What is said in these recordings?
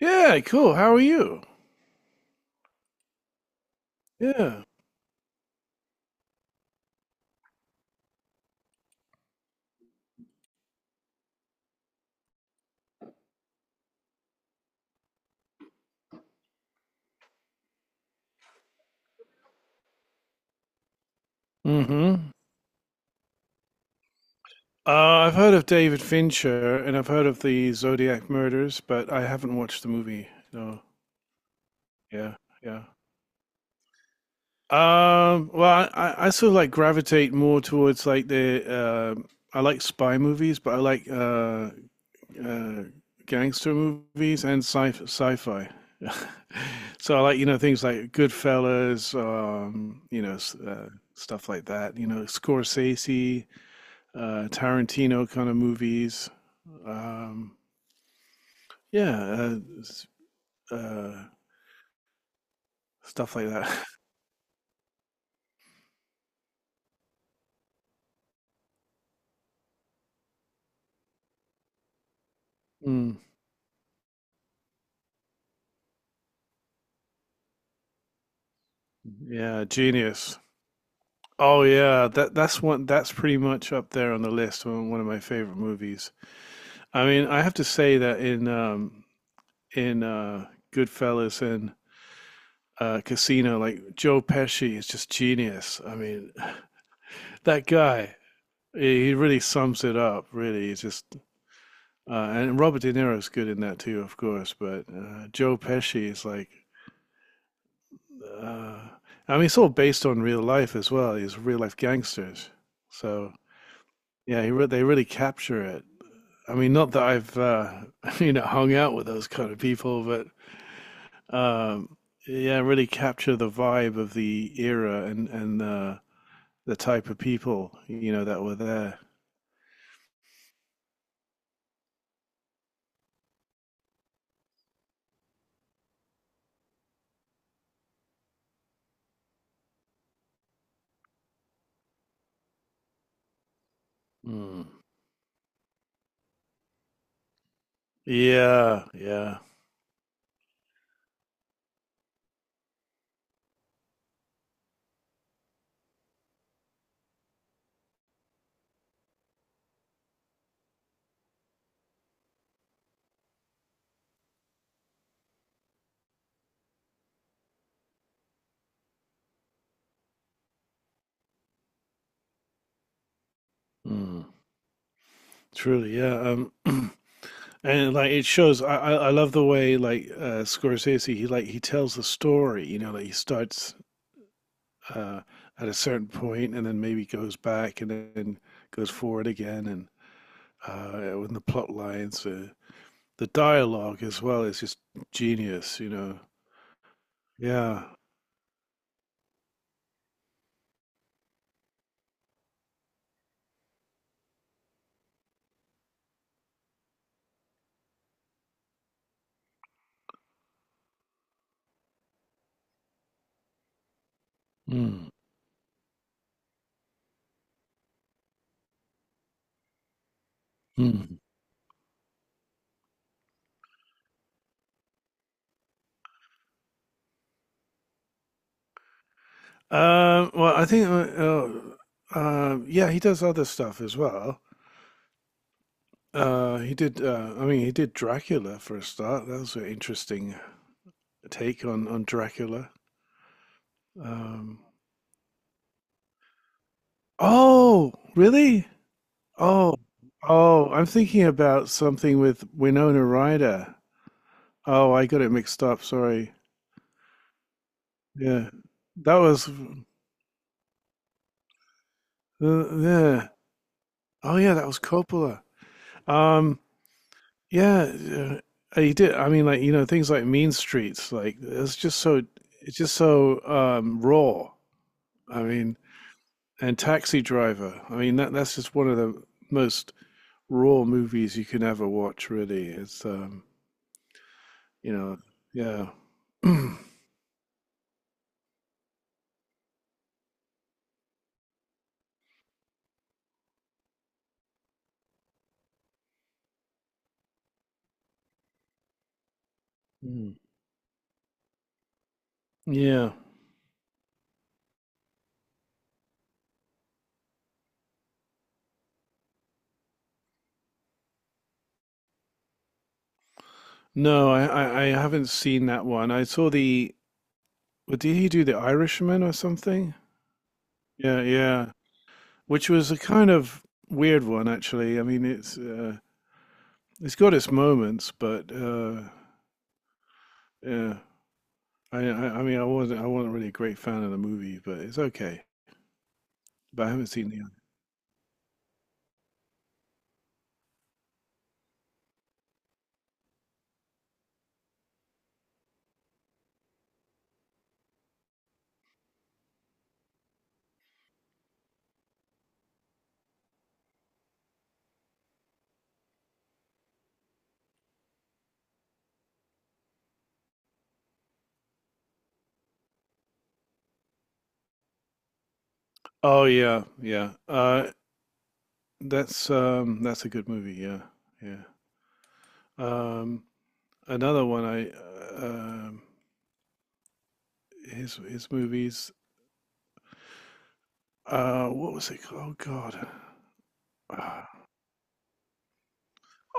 Yeah, cool. How are you? Yeah. Mm-hmm. I've heard of David Fincher and I've heard of the Zodiac murders, but I haven't watched the movie. No. Yeah. Yeah. Well, I sort of like gravitate more towards like the I like spy movies, but I like uh, gangster movies and sci-fi. So I like things like Goodfellas, stuff like that. You know Scorsese. Tarantino kind of movies. Um, yeah, uh, uh, stuff like that. Mm, yeah, genius. Oh yeah, that's one. That's pretty much up there on the list. One of my favorite movies. I mean, I have to say that in Goodfellas and Casino, like Joe Pesci is just genius. I mean, that guy. He really sums it up. Really, he's just and Robert De Niro's good in that too, of course. But Joe Pesci is like, uh, I mean, it's all based on real life as well. He's real life gangsters, so yeah, they really capture it. I mean, not that I've you know hung out with those kind of people, but um, yeah, really capture the vibe of the era and the type of people you know that were there. Mm. Yeah, yeah, mm, truly, yeah. Um, And like it shows, I love the way like Scorsese, he tells the story. You know, like he starts uh, at a certain point and then maybe goes back and then goes forward again, and with the plot lines, the dialogue as well is just genius. You know, yeah. Mm. Mm. Well, I think yeah, he does other stuff as well. He did. I mean, he did Dracula for a start. That was an interesting take on Dracula. Um, oh, really? Oh, oh, I'm thinking about something with Winona Ryder. Oh, I got it mixed up. Sorry. Yeah, that was yeah. Oh, yeah, that was Coppola. Um, yeah, uh, he did. I mean, like you know, things like Mean Streets, like it's just so raw. I mean, and Taxi Driver. I mean, that's just one of the most raw movies you can ever watch. Really, it's you know, yeah, Mm. Yeah. No, I haven't seen that one. I saw the. What did he do? The Irishman or something? Yeah, yeah. Which was a kind of weird one, actually. I mean, it's got its moments, but yeah. I mean, I wasn't really a great fan of the movie, but it's okay. But I haven't seen the. Other- Oh yeah, yeah. That's that's a good movie. Yeah, yeah. Um, Another one I his movies. What was it called? Oh God. Uh,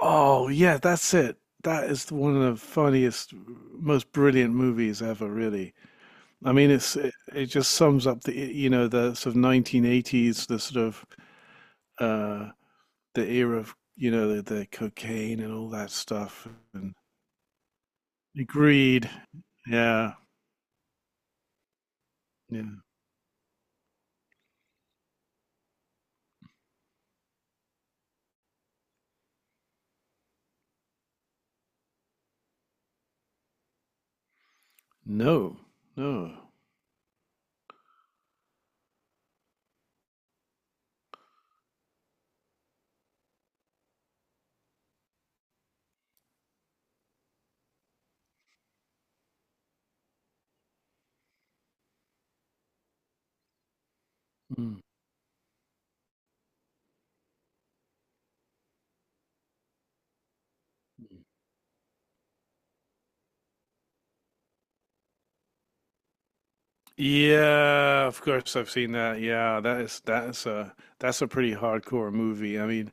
Oh yeah, that's it. That is one of the funniest, most brilliant movies ever. Really, I mean, it just sums up the you know the sort of 1980s, the sort of uh the era of you know the cocaine and all that stuff and the greed. Yeah, yeah. No, no. Hmm. Yeah, of course I've seen that. Yeah, that's a pretty hardcore movie. I mean,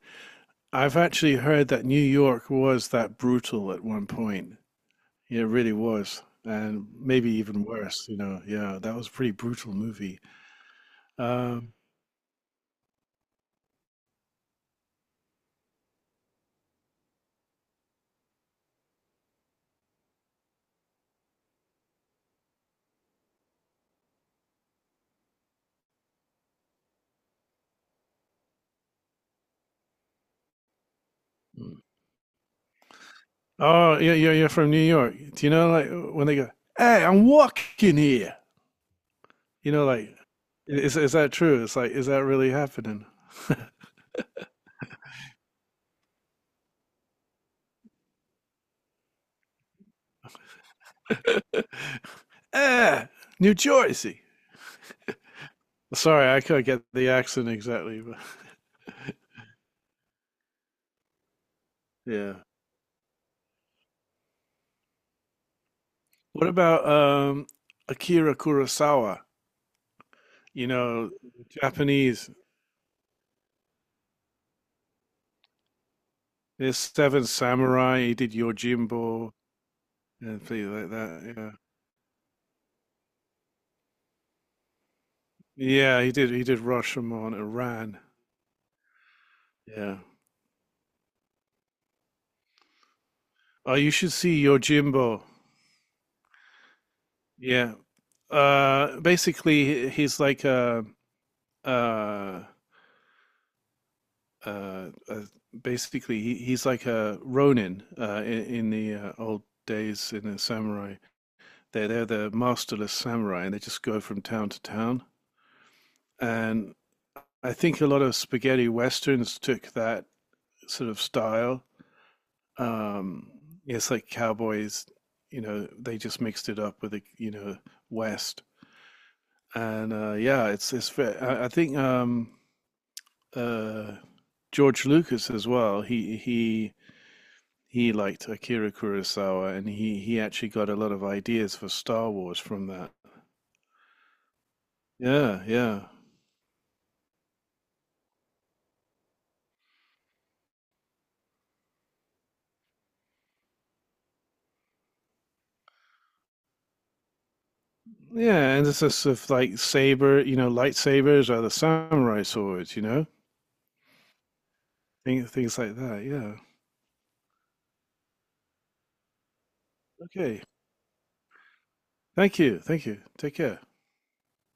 I've actually heard that New York was that brutal at one point. Yeah, it really was, and maybe even worse. You know, yeah, that was a pretty brutal movie. Um, oh, yeah, you're from New York. Do you know like when they go, "Hey, I'm walking here," you know, like is that true? It's like, is that really happening? Eh, New Jersey. Sorry, I couldn't get the accent exactly, but yeah. What about Akira Kurosawa? You know, Japanese. There's Seven Samurai. He did Yojimbo and things like that. Yeah, yeah. He did. He did Rashomon, Iran. Yeah. Oh, you should see Yojimbo. Yeah. Basically, he's like a uh, uh, uh, basically he's like a ronin in the old days in the samurai. They're the masterless samurai, and they just go from town to town. And I think a lot of spaghetti westerns took that sort of style. Um, it's like cowboys, you know, they just mixed it up with the you know west. And yeah, it's it's. Ve- I think uh, George Lucas as well. He liked Akira Kurosawa, and he actually got a lot of ideas for Star Wars from that. Yeah, yeah, yeah. And it's just sort of like saber, you know, lightsabers are the samurai swords, you know, things like that. Yeah. Okay. Thank you. Thank you. Take care.